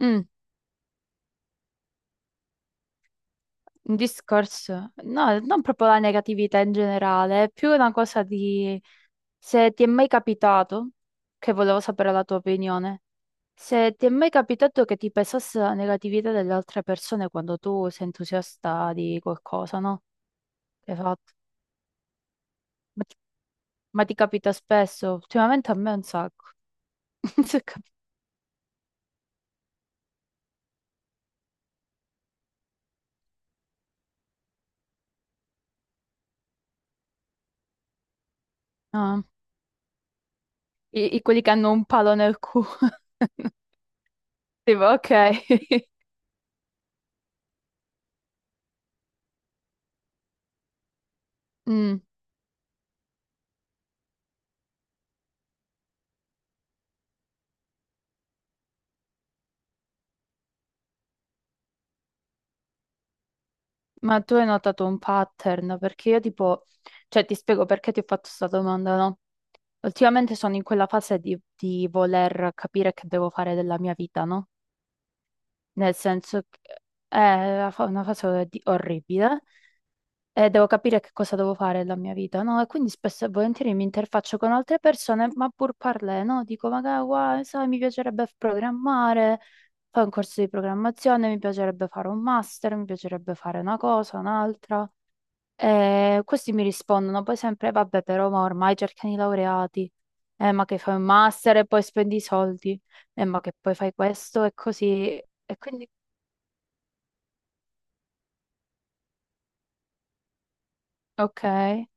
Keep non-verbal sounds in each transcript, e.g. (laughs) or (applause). Mm, un discorso, no, non proprio la negatività in generale, è più una cosa di se ti è mai capitato, che volevo sapere la tua opinione, se ti è mai capitato che ti pesasse la negatività delle altre persone quando tu sei entusiasta di qualcosa, no? Che hai fatto. Ma ti, ma ti capita spesso? Ultimamente a me un sacco. (laughs) Non so cap- Ah, quelli che hanno un palo nel culo. (laughs) Tipo, ok. (laughs) Mm. Ma tu hai notato un pattern? Perché io tipo, cioè ti spiego perché ti ho fatto questa domanda, no? Ultimamente sono in quella fase di voler capire che devo fare della mia vita, no? Nel senso che una fase orribile e devo capire che cosa devo fare della mia vita, no? E quindi spesso e volentieri mi interfaccio con altre persone, ma pur parlè, no? Dico, magari, guai, sai, mi piacerebbe programmare, fare un corso di programmazione, mi piacerebbe fare un master, mi piacerebbe fare una cosa, un'altra. E questi mi rispondono poi sempre, vabbè, però ma ormai cercano i laureati, ma che fai un master e poi spendi i soldi, ma che poi fai questo e così. E quindi, ok,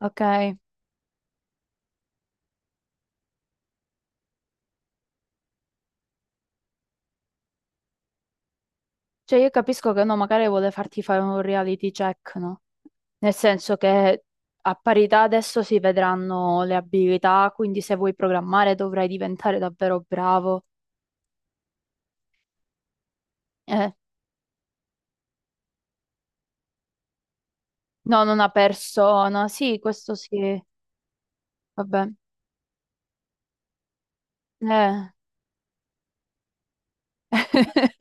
ok. Cioè io capisco che uno magari vuole farti fare un reality check, no? Nel senso che a parità adesso si vedranno le abilità, quindi se vuoi programmare dovrai diventare davvero bravo. Eh, no, non una persona, sì, questo sì, vabbè. Eh. (laughs)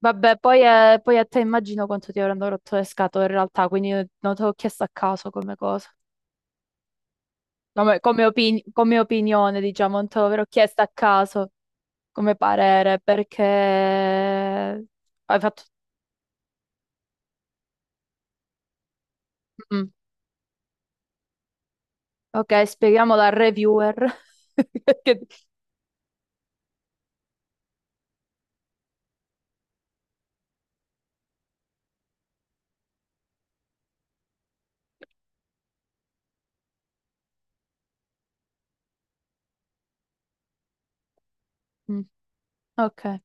Vabbè, poi a te immagino quanto ti avranno rotto le scatole in realtà, quindi io non te l'ho chiesto a caso come cosa. Come opinione, diciamo, non te l'avrò chiesto a caso come parere, perché hai fatto. Mm. Ok, spieghiamo da reviewer. (laughs) Che- Mm. Ok,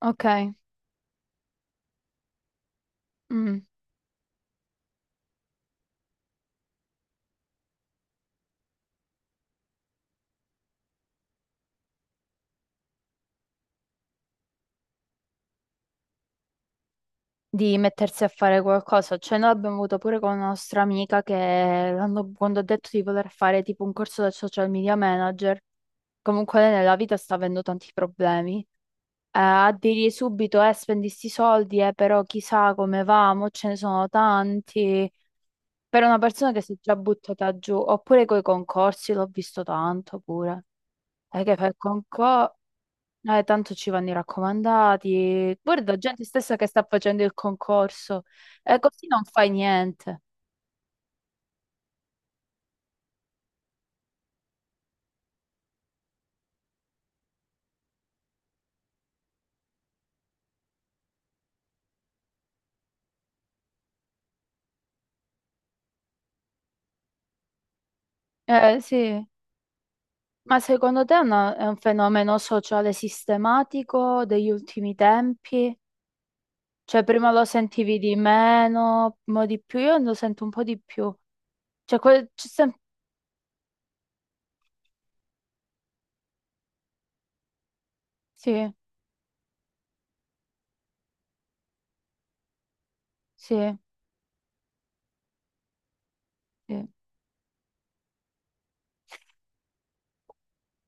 ok. Mm. Di mettersi a fare qualcosa. Cioè, noi abbiamo avuto pure con una nostra amica quando ha detto di voler fare tipo un corso da social media manager, comunque lei nella vita sta avendo tanti problemi. A dirgli subito, spendi sti soldi, però chissà come va, mo ce ne sono tanti. Per una persona che si è già buttata giù, oppure coi concorsi, l'ho visto tanto pure. È che fai il concorso. Tanto ci vanno i raccomandati. Guarda, gente stessa che sta facendo il concorso. Così non fai niente. Sì. Ma secondo te è un fenomeno sociale sistematico degli ultimi tempi? Cioè, prima lo sentivi di meno, mo di più, io lo sento un po' di più. Cioè, sì, sì,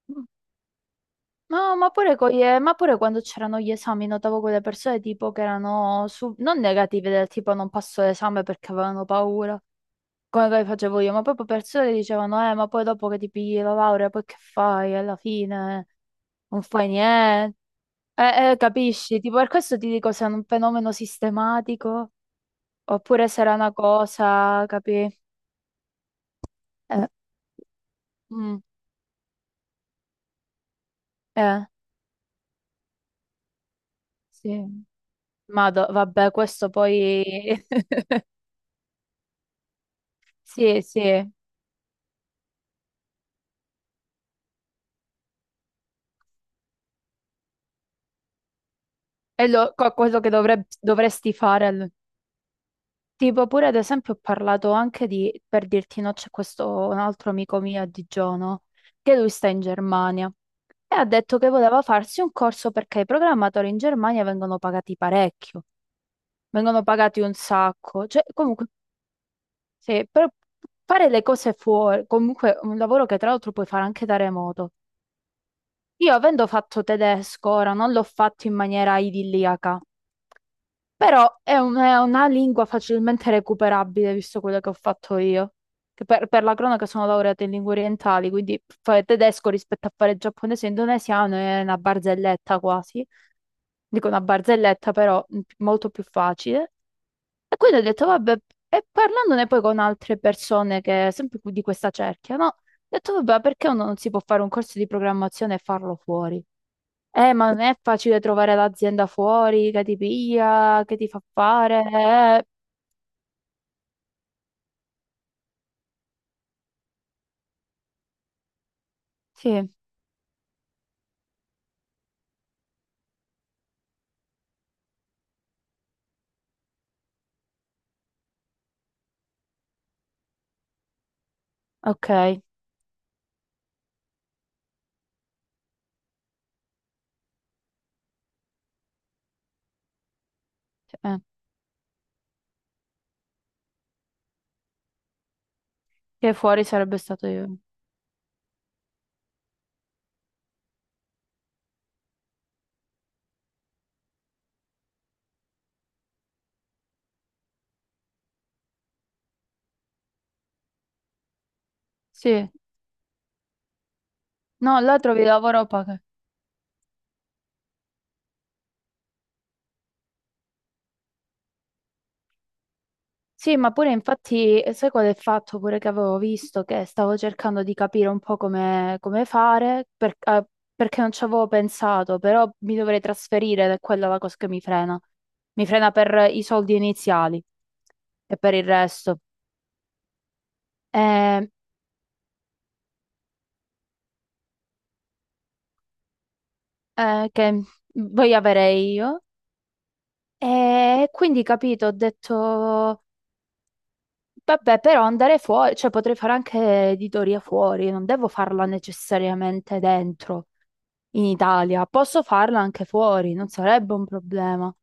sì. No, ma pure quando c'erano gli esami notavo quelle persone tipo che erano non negative del tipo non passo l'esame perché avevano paura, come che facevo io, ma proprio persone che dicevano ma poi dopo che ti pigli la laurea poi che fai? Alla fine non fai niente. Capisci? Tipo per questo ti dico se è un fenomeno sistematico oppure se era una cosa, capi? Eh, mm, eh, sì. Ma vabbè, questo poi. (laughs) Sì, sì. È quello che dovresti fare. Tipo, pure ad esempio, ho parlato anche di, per dirti, no, c'è questo un altro amico mio a Digiano, che lui sta in Germania e ha detto che voleva farsi un corso perché i programmatori in Germania vengono pagati parecchio, vengono pagati un sacco. Cioè, comunque, sì, però fare le cose fuori, comunque un lavoro che tra l'altro puoi fare anche da remoto. Io avendo fatto tedesco, ora non l'ho fatto in maniera idilliaca. Però è una lingua facilmente recuperabile, visto quello che ho fatto io. Che per la cronaca sono laureata in lingue orientali, quindi fare tedesco rispetto a fare giapponese e indonesiano è una barzelletta quasi. Dico una barzelletta, però molto più facile. E quindi ho detto, vabbè, e parlandone poi con altre persone che, sempre di questa cerchia, no? Ho detto, vabbè, perché uno non si può fare un corso di programmazione e farlo fuori? Ma non è facile trovare l'azienda fuori che ti piglia, che ti fa fare. Eh, sì, ok. Che fuori sarebbe stato io. Sì. No, là trovi lavoro poco. Sì, ma pure infatti, sai qual è il fatto pure che avevo visto che stavo cercando di capire un po' come fare, perché non ci avevo pensato, però mi dovrei trasferire ed è quella la cosa che mi frena. Mi frena per i soldi iniziali e per il resto. Eh, che voglio avere io. E quindi, capito, ho detto, vabbè, però andare fuori, cioè potrei fare anche editoria fuori, non devo farla necessariamente dentro, in Italia, posso farla anche fuori, non sarebbe un problema.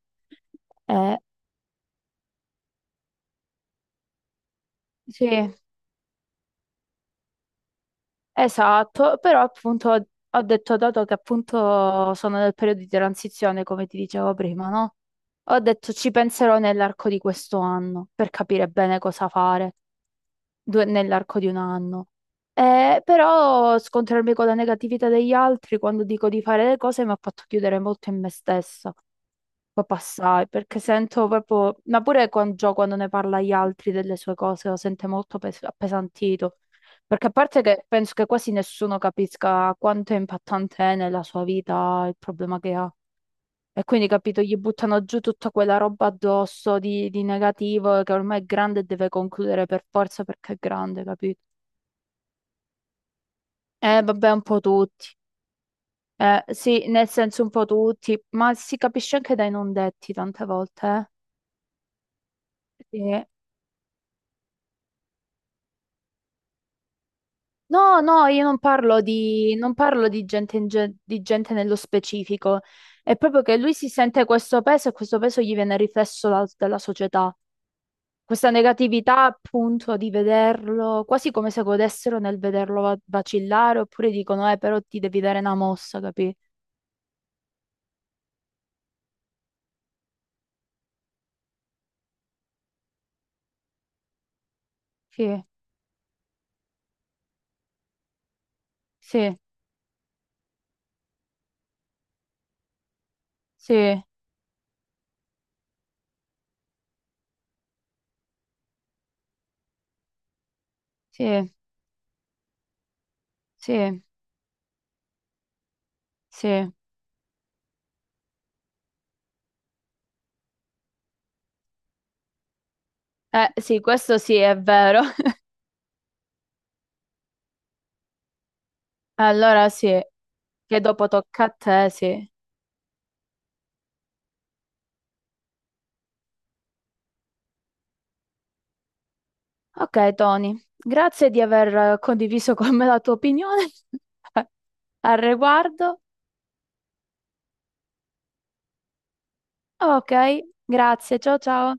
Eh, sì. Esatto, però appunto ho detto, dato che appunto sono nel periodo di transizione, come ti dicevo prima, no? Ho detto ci penserò nell'arco di questo anno per capire bene cosa fare nell'arco di un anno. Però scontrarmi con la negatività degli altri quando dico di fare le cose mi ha fatto chiudere molto in me stessa. Poi passai, perché sento proprio, ma pure quando, Gio quando ne parla agli altri delle sue cose, lo sente molto appesantito. Perché a parte che penso che quasi nessuno capisca quanto è impattante è nella sua vita il problema che ha. E quindi, capito, gli buttano giù tutta quella roba addosso di negativo che ormai è grande e deve concludere per forza perché è grande, capito? Vabbè, un po' tutti. Sì, nel senso un po' tutti, ma si capisce anche dai non detti tante volte, eh. Sì. No, no, io non parlo di gente, di gente nello specifico. È proprio che lui si sente questo peso e questo peso gli viene riflesso dalla società. Questa negatività, appunto, di vederlo, quasi come se godessero nel vederlo vacillare, oppure dicono, però ti devi dare una mossa, capì? Sì, sì, sì, sì, sì, sì. Sì, questo sì, è vero. (laughs) Allora sì, che dopo tocca a te, sì. Ok, Tony, grazie di aver condiviso (laughs) con me la tua opinione (laughs) al riguardo. Ok, grazie, ciao ciao.